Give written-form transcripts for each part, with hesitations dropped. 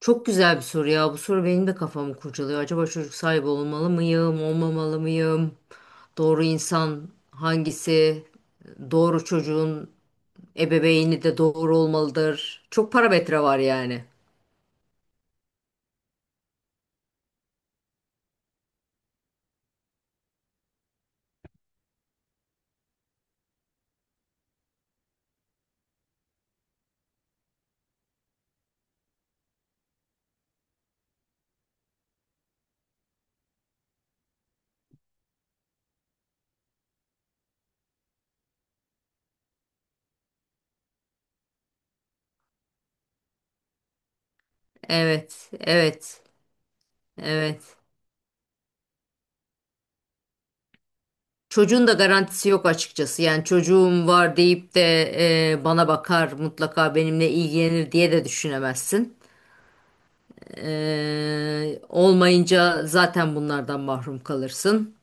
Çok güzel bir soru ya. Bu soru benim de kafamı kurcalıyor. Acaba çocuk sahibi olmalı mıyım, olmamalı mıyım? Doğru insan hangisi? Doğru çocuğun ebeveyni de doğru olmalıdır. Çok parametre var yani. Evet, evet, evet. Çocuğun da garantisi yok açıkçası. Yani çocuğum var deyip de bana bakar, mutlaka benimle ilgilenir diye de düşünemezsin. Olmayınca zaten bunlardan mahrum kalırsın.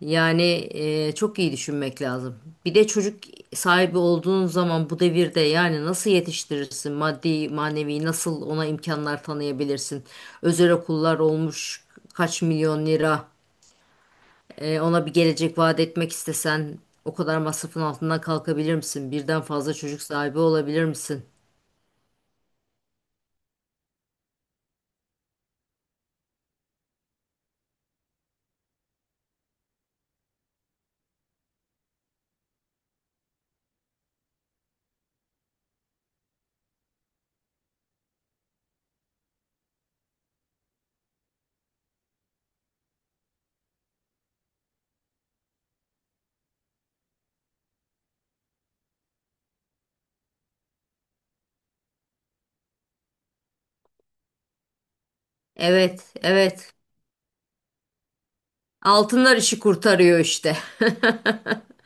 Yani çok iyi düşünmek lazım. Bir de çocuk sahibi olduğun zaman bu devirde yani nasıl yetiştirirsin? Maddi, manevi nasıl ona imkanlar tanıyabilirsin? Özel okullar olmuş kaç milyon lira. Ona bir gelecek vaat etmek istesen o kadar masrafın altından kalkabilir misin? Birden fazla çocuk sahibi olabilir misin? Evet, evet. Altınlar işi kurtarıyor işte.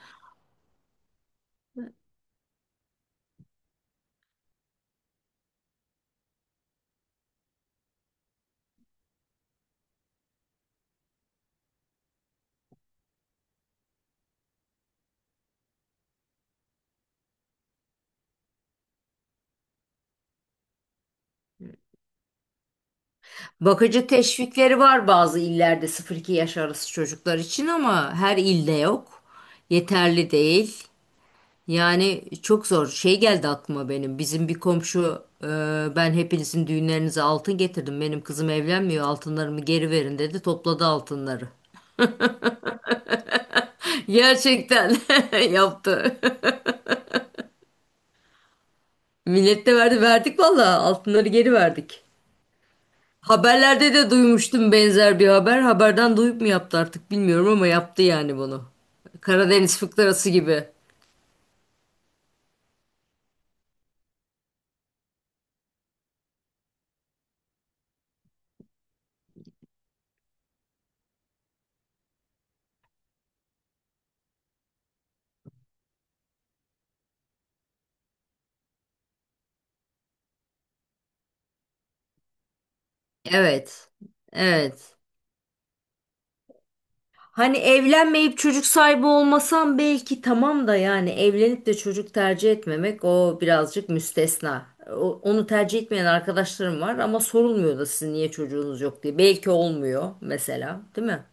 Bakıcı teşvikleri var bazı illerde sıfır 2 yaş arası çocuklar için ama her ilde yok. Yeterli değil. Yani çok zor. Şey geldi aklıma benim. Bizim bir komşu, ben hepinizin düğünlerinize altın getirdim. Benim kızım evlenmiyor. Altınlarımı geri verin dedi. Topladı altınları. Gerçekten yaptı. Millet de verdi. Verdik valla. Altınları geri verdik. Haberlerde de duymuştum benzer bir haber. Haberden duyup mu yaptı artık bilmiyorum ama yaptı yani bunu. Karadeniz fıkrası gibi. Evet. Evet. Hani evlenmeyip çocuk sahibi olmasam belki tamam da, yani evlenip de çocuk tercih etmemek o birazcık müstesna. Onu tercih etmeyen arkadaşlarım var ama sorulmuyor da sizin niye çocuğunuz yok diye. Belki olmuyor mesela, değil mi?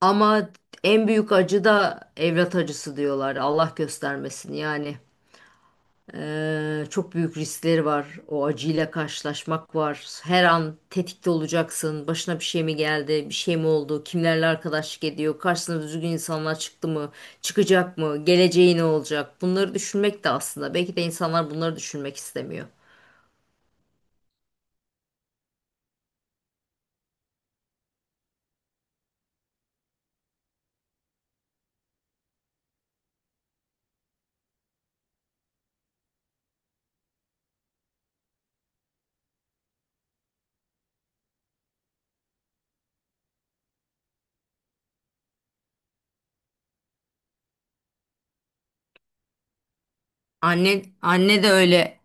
Ama en büyük acı da evlat acısı diyorlar. Allah göstermesin yani. Çok büyük riskleri var. O acıyla karşılaşmak var. Her an tetikte olacaksın. Başına bir şey mi geldi? Bir şey mi oldu? Kimlerle arkadaşlık ediyor? Karşısına düzgün insanlar çıktı mı? Çıkacak mı? Geleceği ne olacak? Bunları düşünmek de aslında. Belki de insanlar bunları düşünmek istemiyor. Anne de öyle.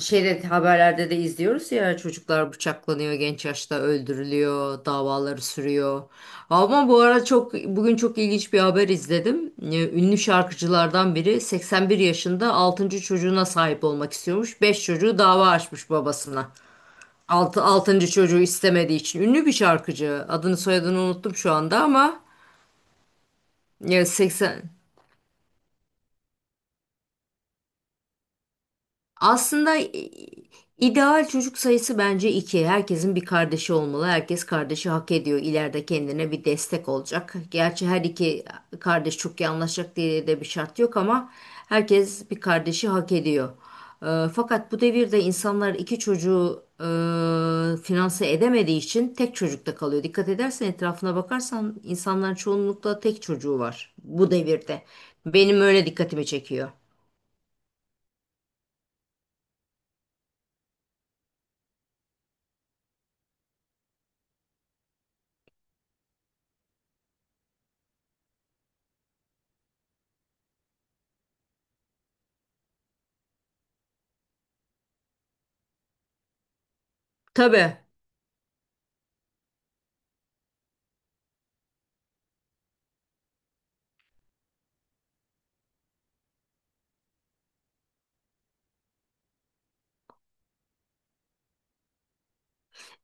Şeyde, haberlerde de izliyoruz ya, çocuklar bıçaklanıyor, genç yaşta öldürülüyor, davaları sürüyor. Ama bu ara çok, bugün çok ilginç bir haber izledim. Ünlü şarkıcılardan biri 81 yaşında altıncı çocuğuna sahip olmak istiyormuş. Beş çocuğu dava açmış babasına. Altıncı çocuğu istemediği için ünlü bir şarkıcı. Adını soyadını unuttum şu anda ama ya 80. Aslında ideal çocuk sayısı bence iki. Herkesin bir kardeşi olmalı. Herkes kardeşi hak ediyor. İleride kendine bir destek olacak. Gerçi her iki kardeş çok iyi anlaşacak diye de bir şart yok ama herkes bir kardeşi hak ediyor. Fakat bu devirde insanlar iki çocuğu finanse edemediği için tek çocukta kalıyor. Dikkat edersen, etrafına bakarsan insanların çoğunlukla tek çocuğu var bu devirde. Benim öyle dikkatimi çekiyor. Tabii.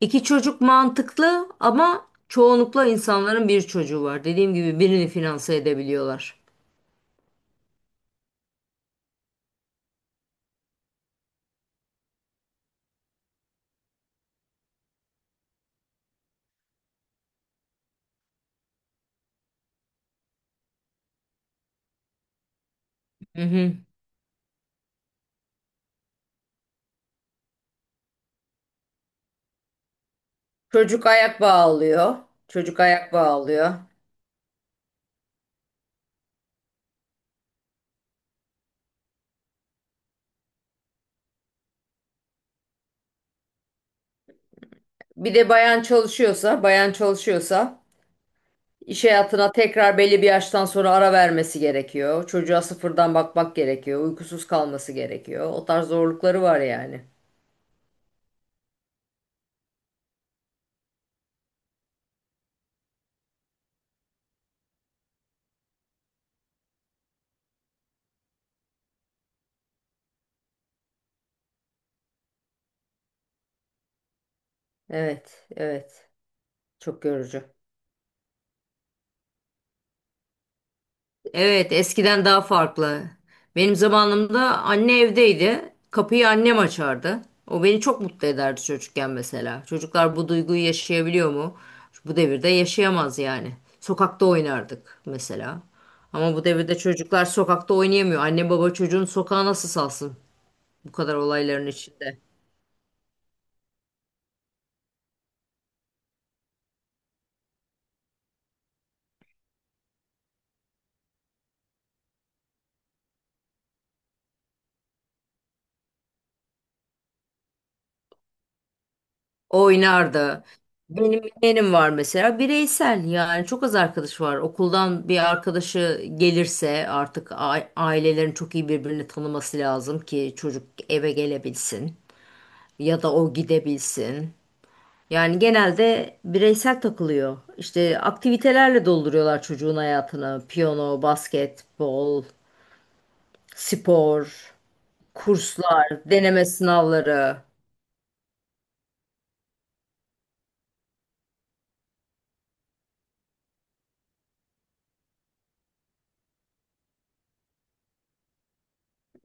İki çocuk mantıklı ama çoğunlukla insanların bir çocuğu var. Dediğim gibi birini finanse edebiliyorlar. Hı hı. Çocuk ayak bağlıyor. Çocuk ayak bağlıyor. Bir de bayan çalışıyorsa iş hayatına tekrar belli bir yaştan sonra ara vermesi gerekiyor. Çocuğa sıfırdan bakmak gerekiyor. Uykusuz kalması gerekiyor. O tarz zorlukları var yani. Evet, evet. Çok yorucu. Evet, eskiden daha farklı. Benim zamanımda anne evdeydi. Kapıyı annem açardı. O beni çok mutlu ederdi çocukken mesela. Çocuklar bu duyguyu yaşayabiliyor mu? Bu devirde yaşayamaz yani. Sokakta oynardık mesela. Ama bu devirde çocuklar sokakta oynayamıyor. Anne baba çocuğun sokağa nasıl salsın bu kadar olayların içinde? Oynardı. Benim yeğenim var mesela, bireysel yani, çok az arkadaş var. Okuldan bir arkadaşı gelirse artık ailelerin çok iyi birbirini tanıması lazım ki çocuk eve gelebilsin ya da o gidebilsin. Yani genelde bireysel takılıyor. İşte aktivitelerle dolduruyorlar çocuğun hayatını. Piyano, basketbol, spor, kurslar, deneme sınavları.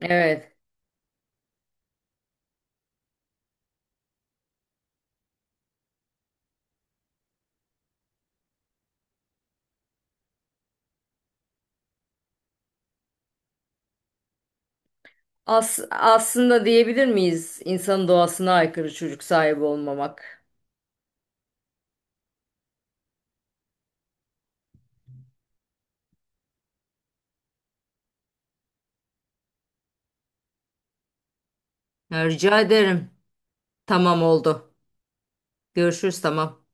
Evet. Aslında diyebilir miyiz insan doğasına aykırı çocuk sahibi olmamak? Ya, rica ederim. Tamam, oldu. Görüşürüz, tamam.